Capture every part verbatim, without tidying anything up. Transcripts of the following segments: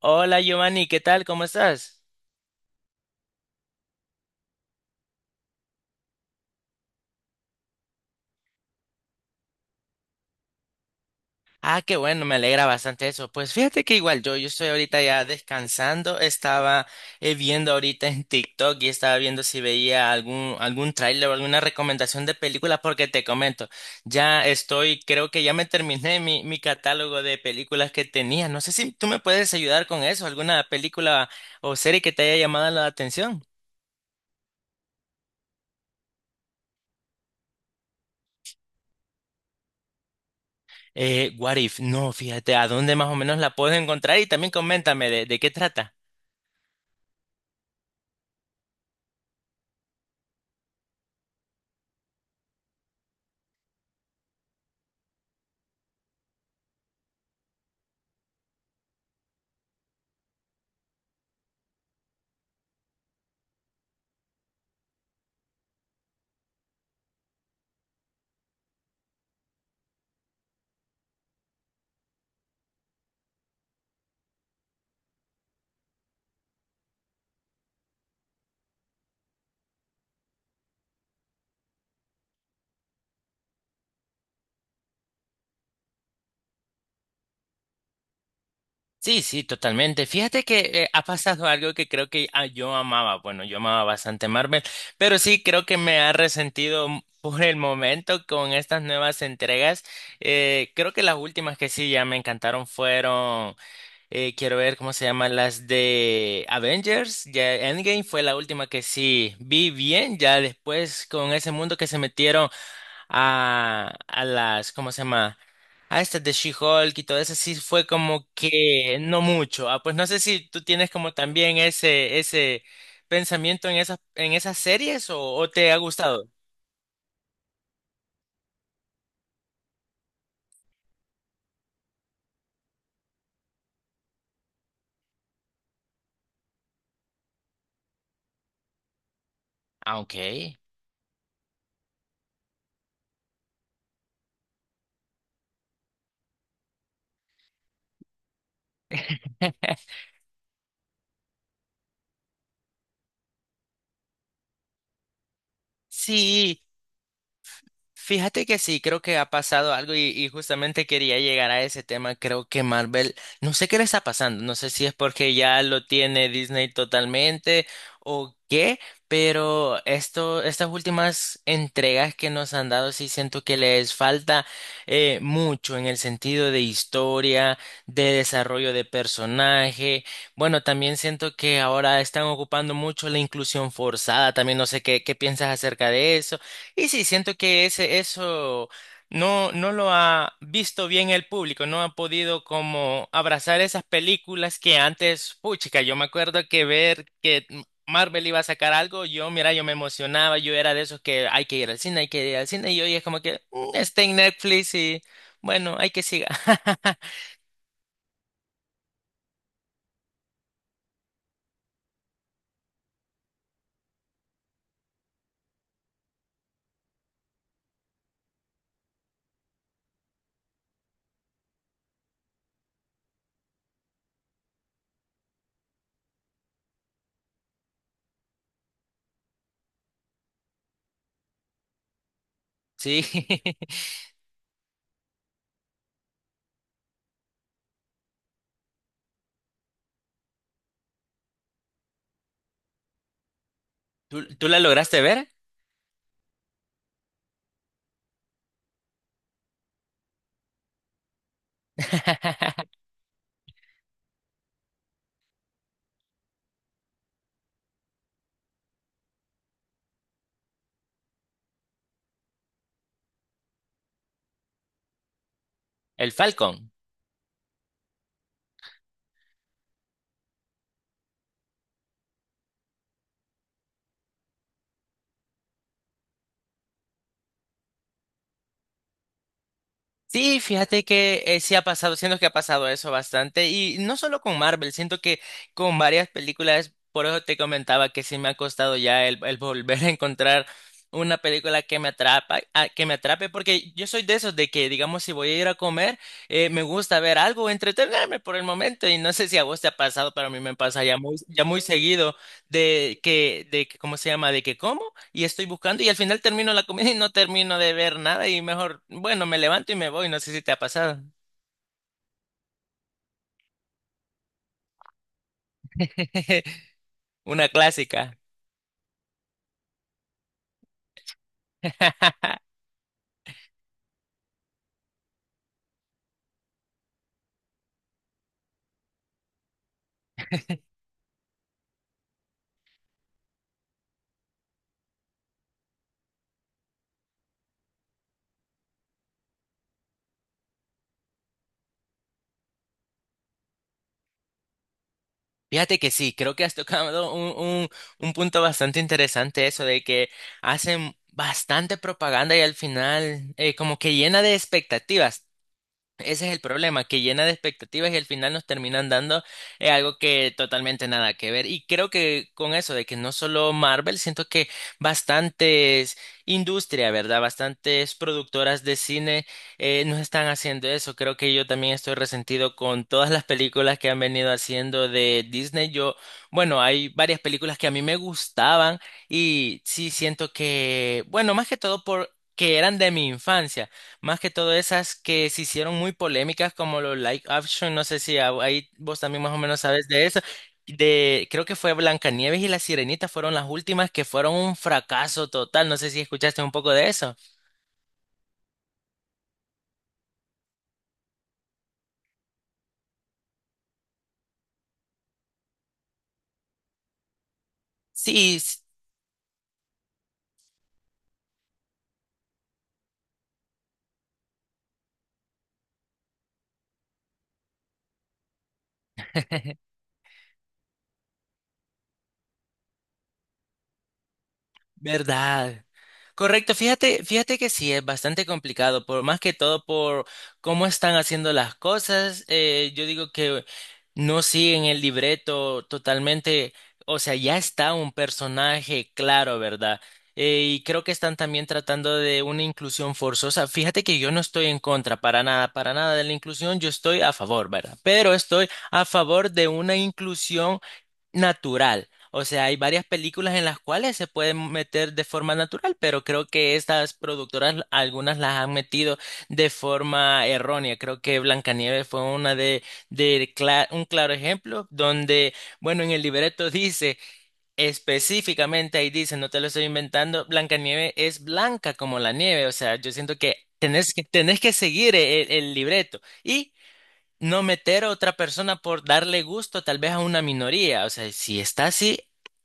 Hola Giovanni, ¿qué tal? ¿Cómo estás? Ah, qué bueno, me alegra bastante eso. Pues fíjate que igual yo, yo estoy ahorita ya descansando, estaba eh, viendo ahorita en TikTok y estaba viendo si veía algún, algún tráiler o alguna recomendación de películas porque te comento, ya estoy, creo que ya me terminé mi, mi catálogo de películas que tenía. No sé si tú me puedes ayudar con eso, alguna película o serie que te haya llamado la atención. Eh, What If, no, fíjate, ¿a dónde más o menos la puedo encontrar? Y también coméntame de, de qué trata. Sí, sí, totalmente. Fíjate que eh, ha pasado algo que creo que ah, yo amaba. Bueno, yo amaba bastante Marvel, pero sí creo que me ha resentido m- por el momento con estas nuevas entregas. Eh, creo que las últimas que sí ya me encantaron fueron, eh, quiero ver cómo se llaman las de Avengers. Ya Endgame fue la última que sí vi bien. Ya después con ese mundo que se metieron a, a las, ¿cómo se llama? A estas de She-Hulk y todo eso, sí fue como que no mucho. Ah, pues no sé si tú tienes como también ese, ese pensamiento en esas, en esas series o, o te ha gustado. Ah, ok. Sí. Fíjate que sí, creo que ha pasado algo y, y justamente quería llegar a ese tema. Creo que Marvel, no sé qué le está pasando, no sé si es porque ya lo tiene Disney totalmente o qué, pero esto, estas últimas entregas que nos han dado sí siento que les falta eh, mucho en el sentido de historia, de desarrollo de personaje. Bueno, también siento que ahora están ocupando mucho la inclusión forzada. También no sé qué, qué piensas acerca de eso y sí, siento que ese, eso no, no lo ha visto bien el público, no ha podido como abrazar esas películas que antes, puchica, yo me acuerdo que ver que M- Marvel iba a sacar algo, yo, mira, yo me emocionaba, yo era de esos que hay que ir al cine, hay que ir al cine, y hoy es como que "Mm, está en Netflix y bueno, hay que siga". Sí. ¿Tú, tú la lograste ver? El Falcon. Sí, fíjate que eh, sí ha pasado, siento que ha pasado eso bastante y no solo con Marvel, siento que con varias películas, por eso te comentaba que sí me ha costado ya el, el volver a encontrar una película que me atrapa, a- que me atrape, porque yo soy de esos de que, digamos, si voy a ir a comer, eh, me gusta ver algo, entretenerme por el momento y no sé si a vos te ha pasado, pero a mí me pasa ya muy, ya muy seguido de que, de que, ¿cómo se llama? De que como y estoy buscando y al final termino la comida y no termino de ver nada y mejor, bueno, me levanto y me voy, no sé si te ha pasado. Una clásica. Fíjate que sí, creo que has tocado un, un, un punto bastante interesante eso de que hacen bastante propaganda y al final eh, como que llena de expectativas. Ese es el problema, que llena de expectativas y al final nos terminan dando eh, algo que totalmente nada que ver. Y creo que con eso de que no solo Marvel, siento que bastantes industria, ¿verdad? Bastantes productoras de cine eh, nos están haciendo eso. Creo que yo también estoy resentido con todas las películas que han venido haciendo de Disney. Yo, bueno, hay varias películas que a mí me gustaban y sí siento que, bueno, más que todo por... que eran de mi infancia. Más que todo esas que se hicieron muy polémicas como los live action, no sé si a- ahí vos también más o menos sabes de eso. De, creo que fue Blancanieves y La Sirenita fueron las últimas que fueron un fracaso total. No sé si escuchaste un poco de eso. Sí, sí. ¿Verdad? Correcto, fíjate, fíjate que sí, es bastante complicado, por más que todo por cómo están haciendo las cosas, eh, yo digo que no siguen el libreto totalmente, o sea, ya está un personaje claro, ¿verdad? Eh, y creo que están también tratando de una inclusión forzosa. Fíjate que yo no estoy en contra para nada, para nada de la inclusión, yo estoy a favor, ¿verdad? Pero estoy a favor de una inclusión natural. O sea, hay varias películas en las cuales se pueden meter de forma natural, pero creo que estas productoras, algunas las han metido de forma errónea. Creo que Blancanieves fue una de, de cla- un claro ejemplo donde, bueno, en el libreto dice específicamente, ahí dice, no te lo estoy inventando, Blancanieves es blanca como la nieve. O sea, yo siento que tenés que, tenés que seguir el, el libreto. Y no meter a otra persona por darle gusto tal vez a una minoría. O sea, si está así,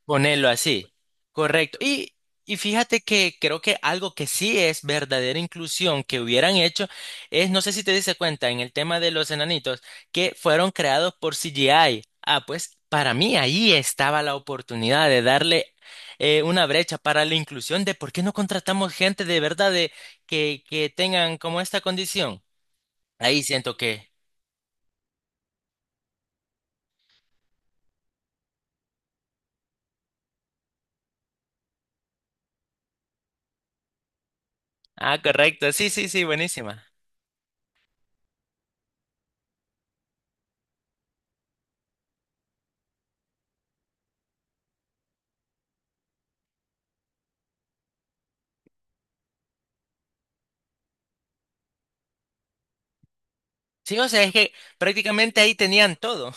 ponerlo así. Correcto. Y, y fíjate que creo que algo que sí es verdadera inclusión que hubieran hecho es, no sé si te diste cuenta en el tema de los enanitos, que fueron creados por C G I. Ah, pues para mí ahí estaba la oportunidad de darle eh, una brecha para la inclusión de por qué no contratamos gente de verdad de, que, que tengan como esta condición. Ahí siento que... Ah, correcto. Sí, sí, sí, buenísima. Sí, o sea, es que prácticamente ahí tenían todo.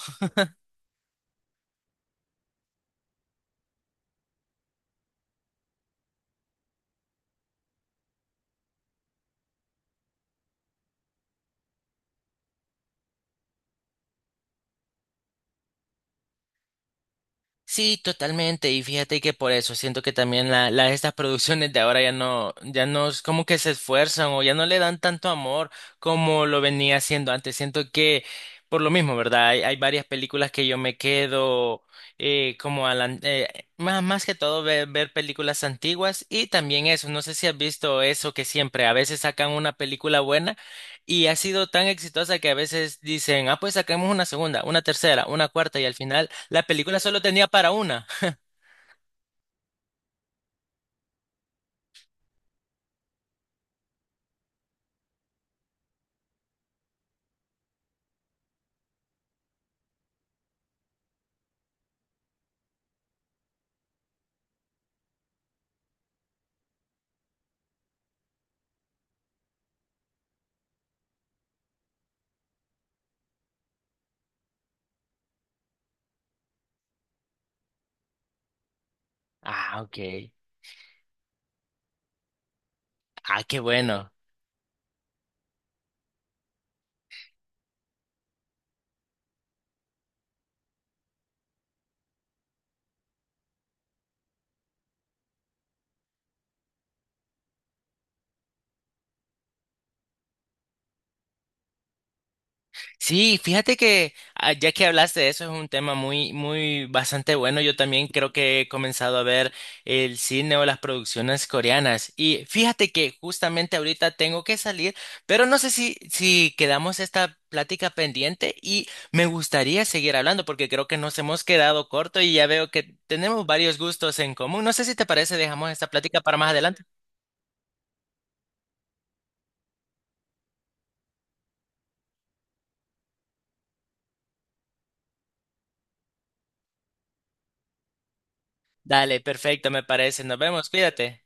Sí, totalmente. Y fíjate que por eso siento que también la, la- estas producciones de ahora ya no, ya no es como que se esfuerzan o ya no le dan tanto amor como lo venía haciendo antes. Siento que por lo mismo, ¿verdad? Hay, hay varias películas que yo me quedo eh, como a la- eh, más, más que todo ver, ver películas antiguas y también eso. No sé si has visto eso que siempre a veces sacan una película buena y ha sido tan exitosa que a veces dicen, ah, pues sacamos una segunda, una tercera, una cuarta y al final la película solo tenía para una. Ah, ok. Ah, qué bueno. Sí, fíjate que ah, ya que hablaste de eso es un tema muy, muy bastante bueno. Yo también creo que he comenzado a ver el cine o las producciones coreanas. Y fíjate que justamente ahorita tengo que salir, pero no sé si, si quedamos esta plática pendiente y me gustaría seguir hablando porque creo que nos hemos quedado corto y ya veo que tenemos varios gustos en común. No sé si te parece, dejamos esta plática para más adelante. Dale, perfecto, me parece. Nos vemos, cuídate.